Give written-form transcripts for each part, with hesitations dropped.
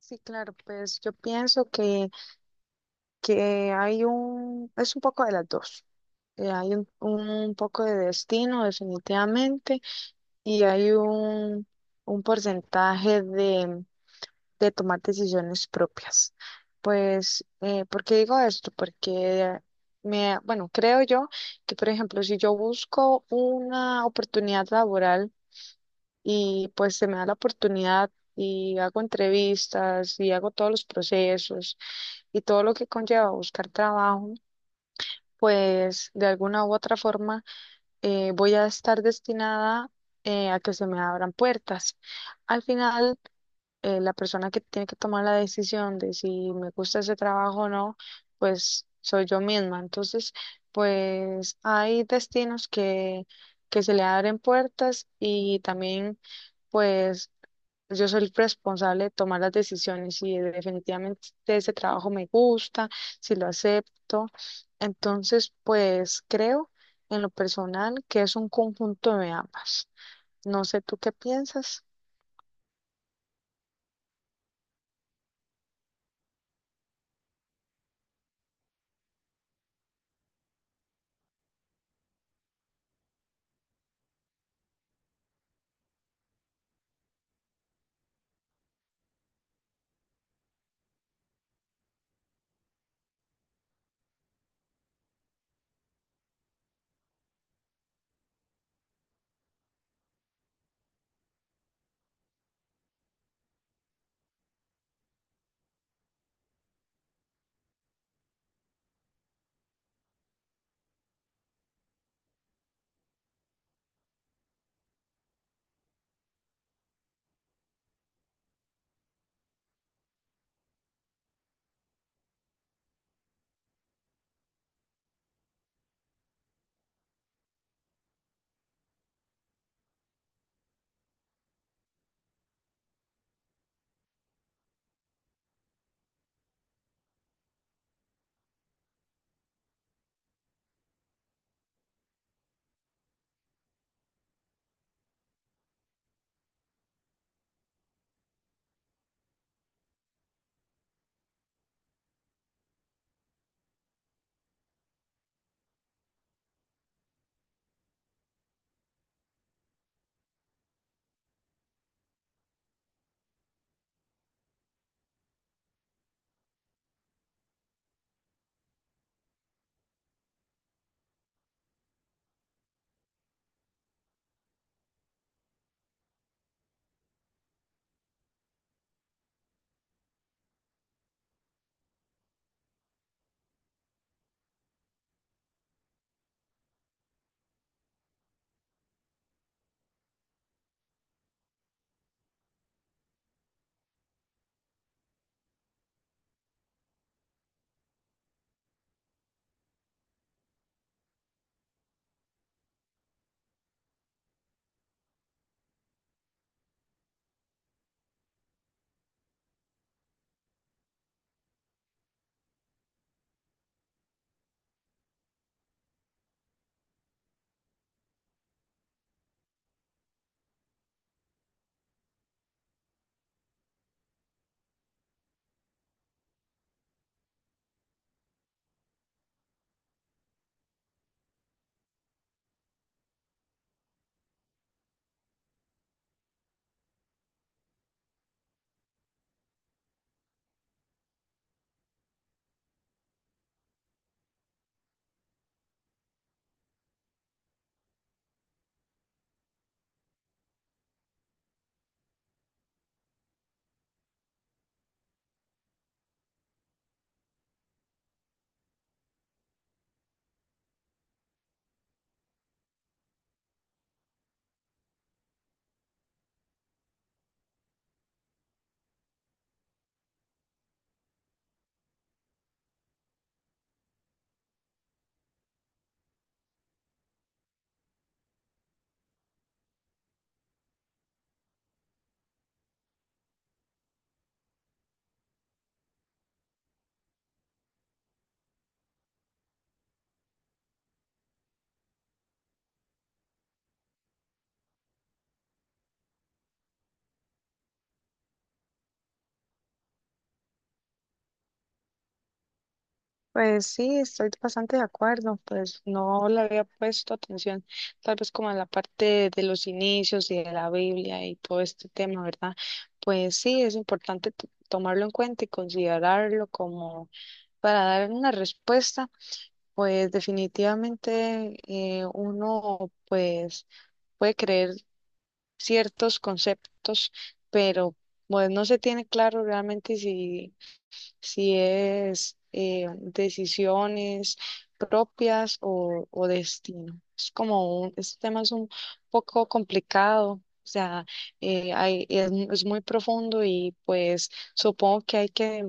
Sí, claro, pues yo pienso que hay es un poco de las dos. Hay un poco de destino, definitivamente, y hay un porcentaje de tomar decisiones propias. Pues, ¿por qué digo esto? Porque bueno, creo yo que, por ejemplo, si yo busco una oportunidad laboral, y pues se me da la oportunidad y hago entrevistas y hago todos los procesos y todo lo que conlleva buscar trabajo, pues de alguna u otra forma voy a estar destinada a que se me abran puertas. Al final, la persona que tiene que tomar la decisión de si me gusta ese trabajo o no, pues soy yo misma. Entonces, pues hay destinos que se le abren puertas y también... Pues yo soy responsable de tomar las decisiones y definitivamente ese trabajo me gusta, si lo acepto. Entonces, pues creo en lo personal que es un conjunto de ambas. No sé tú qué piensas. Pues sí, estoy bastante de acuerdo, pues no le había puesto atención, tal vez como en la parte de los inicios y de la Biblia y todo este tema, ¿verdad? Pues sí, es importante tomarlo en cuenta y considerarlo como para dar una respuesta. Pues definitivamente uno pues puede creer ciertos conceptos, pero pues no se tiene claro realmente si, si es decisiones propias o destino. Es como un, este tema es un poco complicado, o sea, es muy profundo y pues supongo que hay que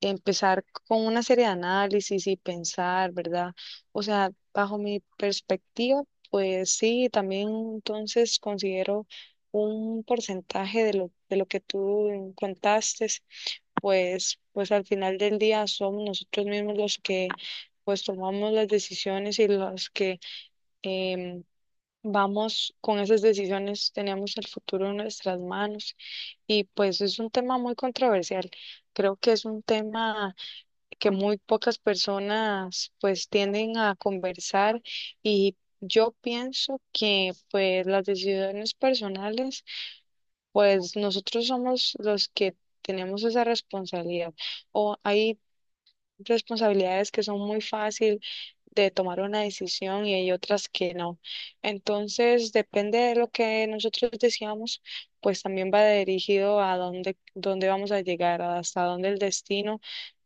empezar con una serie de análisis y pensar, ¿verdad? O sea, bajo mi perspectiva, pues sí, también entonces considero un porcentaje de de lo que tú contaste, pues al final del día somos nosotros mismos los que pues tomamos las decisiones y los que em, vamos con esas decisiones, tenemos el futuro en nuestras manos y pues es un tema muy controversial. Creo que es un tema que muy pocas personas pues tienden a conversar y yo pienso que pues las decisiones personales, pues nosotros somos los que tenemos esa responsabilidad, o hay responsabilidades que son muy fácil de tomar una decisión y hay otras que no. Entonces, depende de lo que nosotros deseamos, pues también va dirigido a dónde, dónde vamos a llegar, hasta dónde el destino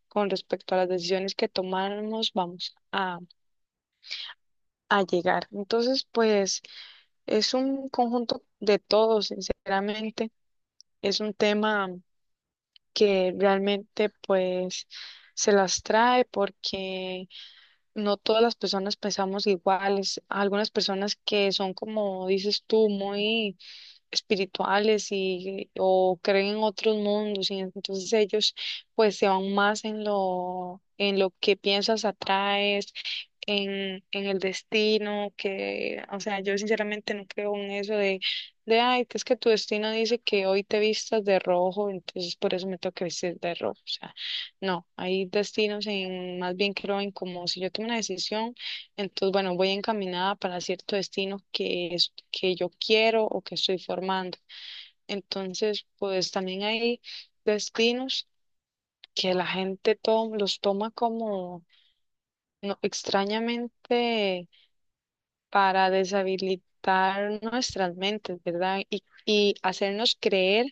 con respecto a las decisiones que tomamos vamos a llegar. Entonces, pues es un conjunto de todo, sinceramente. Es un tema que realmente pues se las trae porque no todas las personas pensamos iguales. Algunas personas que son, como dices tú, muy espirituales y o creen en otros mundos y entonces ellos pues se van más en lo que piensas atraes en el destino que, o sea, yo sinceramente no creo en eso de ay que es que tu destino dice que hoy te vistas de rojo entonces por eso me toca vestir de rojo, o sea, no hay destinos, en más bien creo en como si yo tomo una decisión entonces, bueno, voy encaminada para cierto destino que es que yo quiero o que estoy formando. Entonces, pues también hay destinos que la gente los toma como no, extrañamente, para deshabilitar nuestras mentes, ¿verdad? Y hacernos creer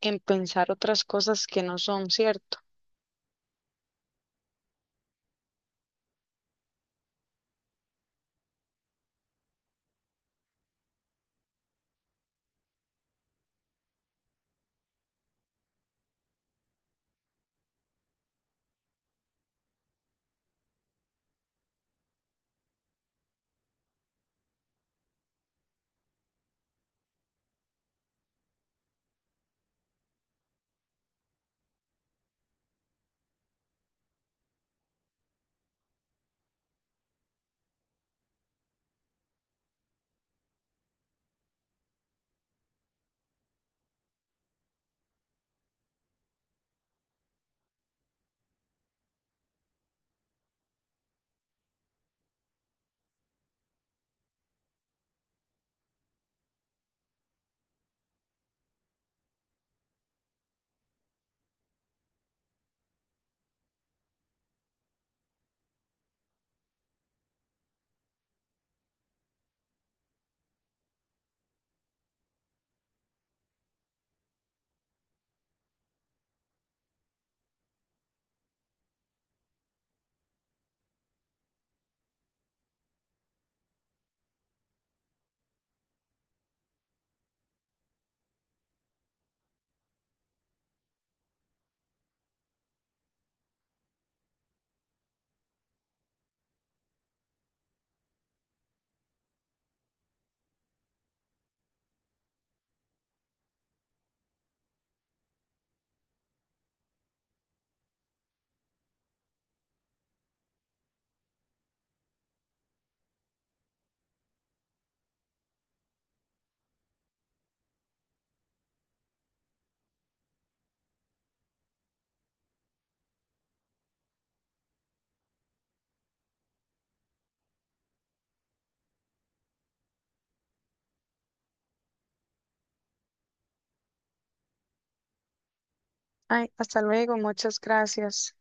en pensar otras cosas que no son cierto. Ay, hasta luego, muchas gracias.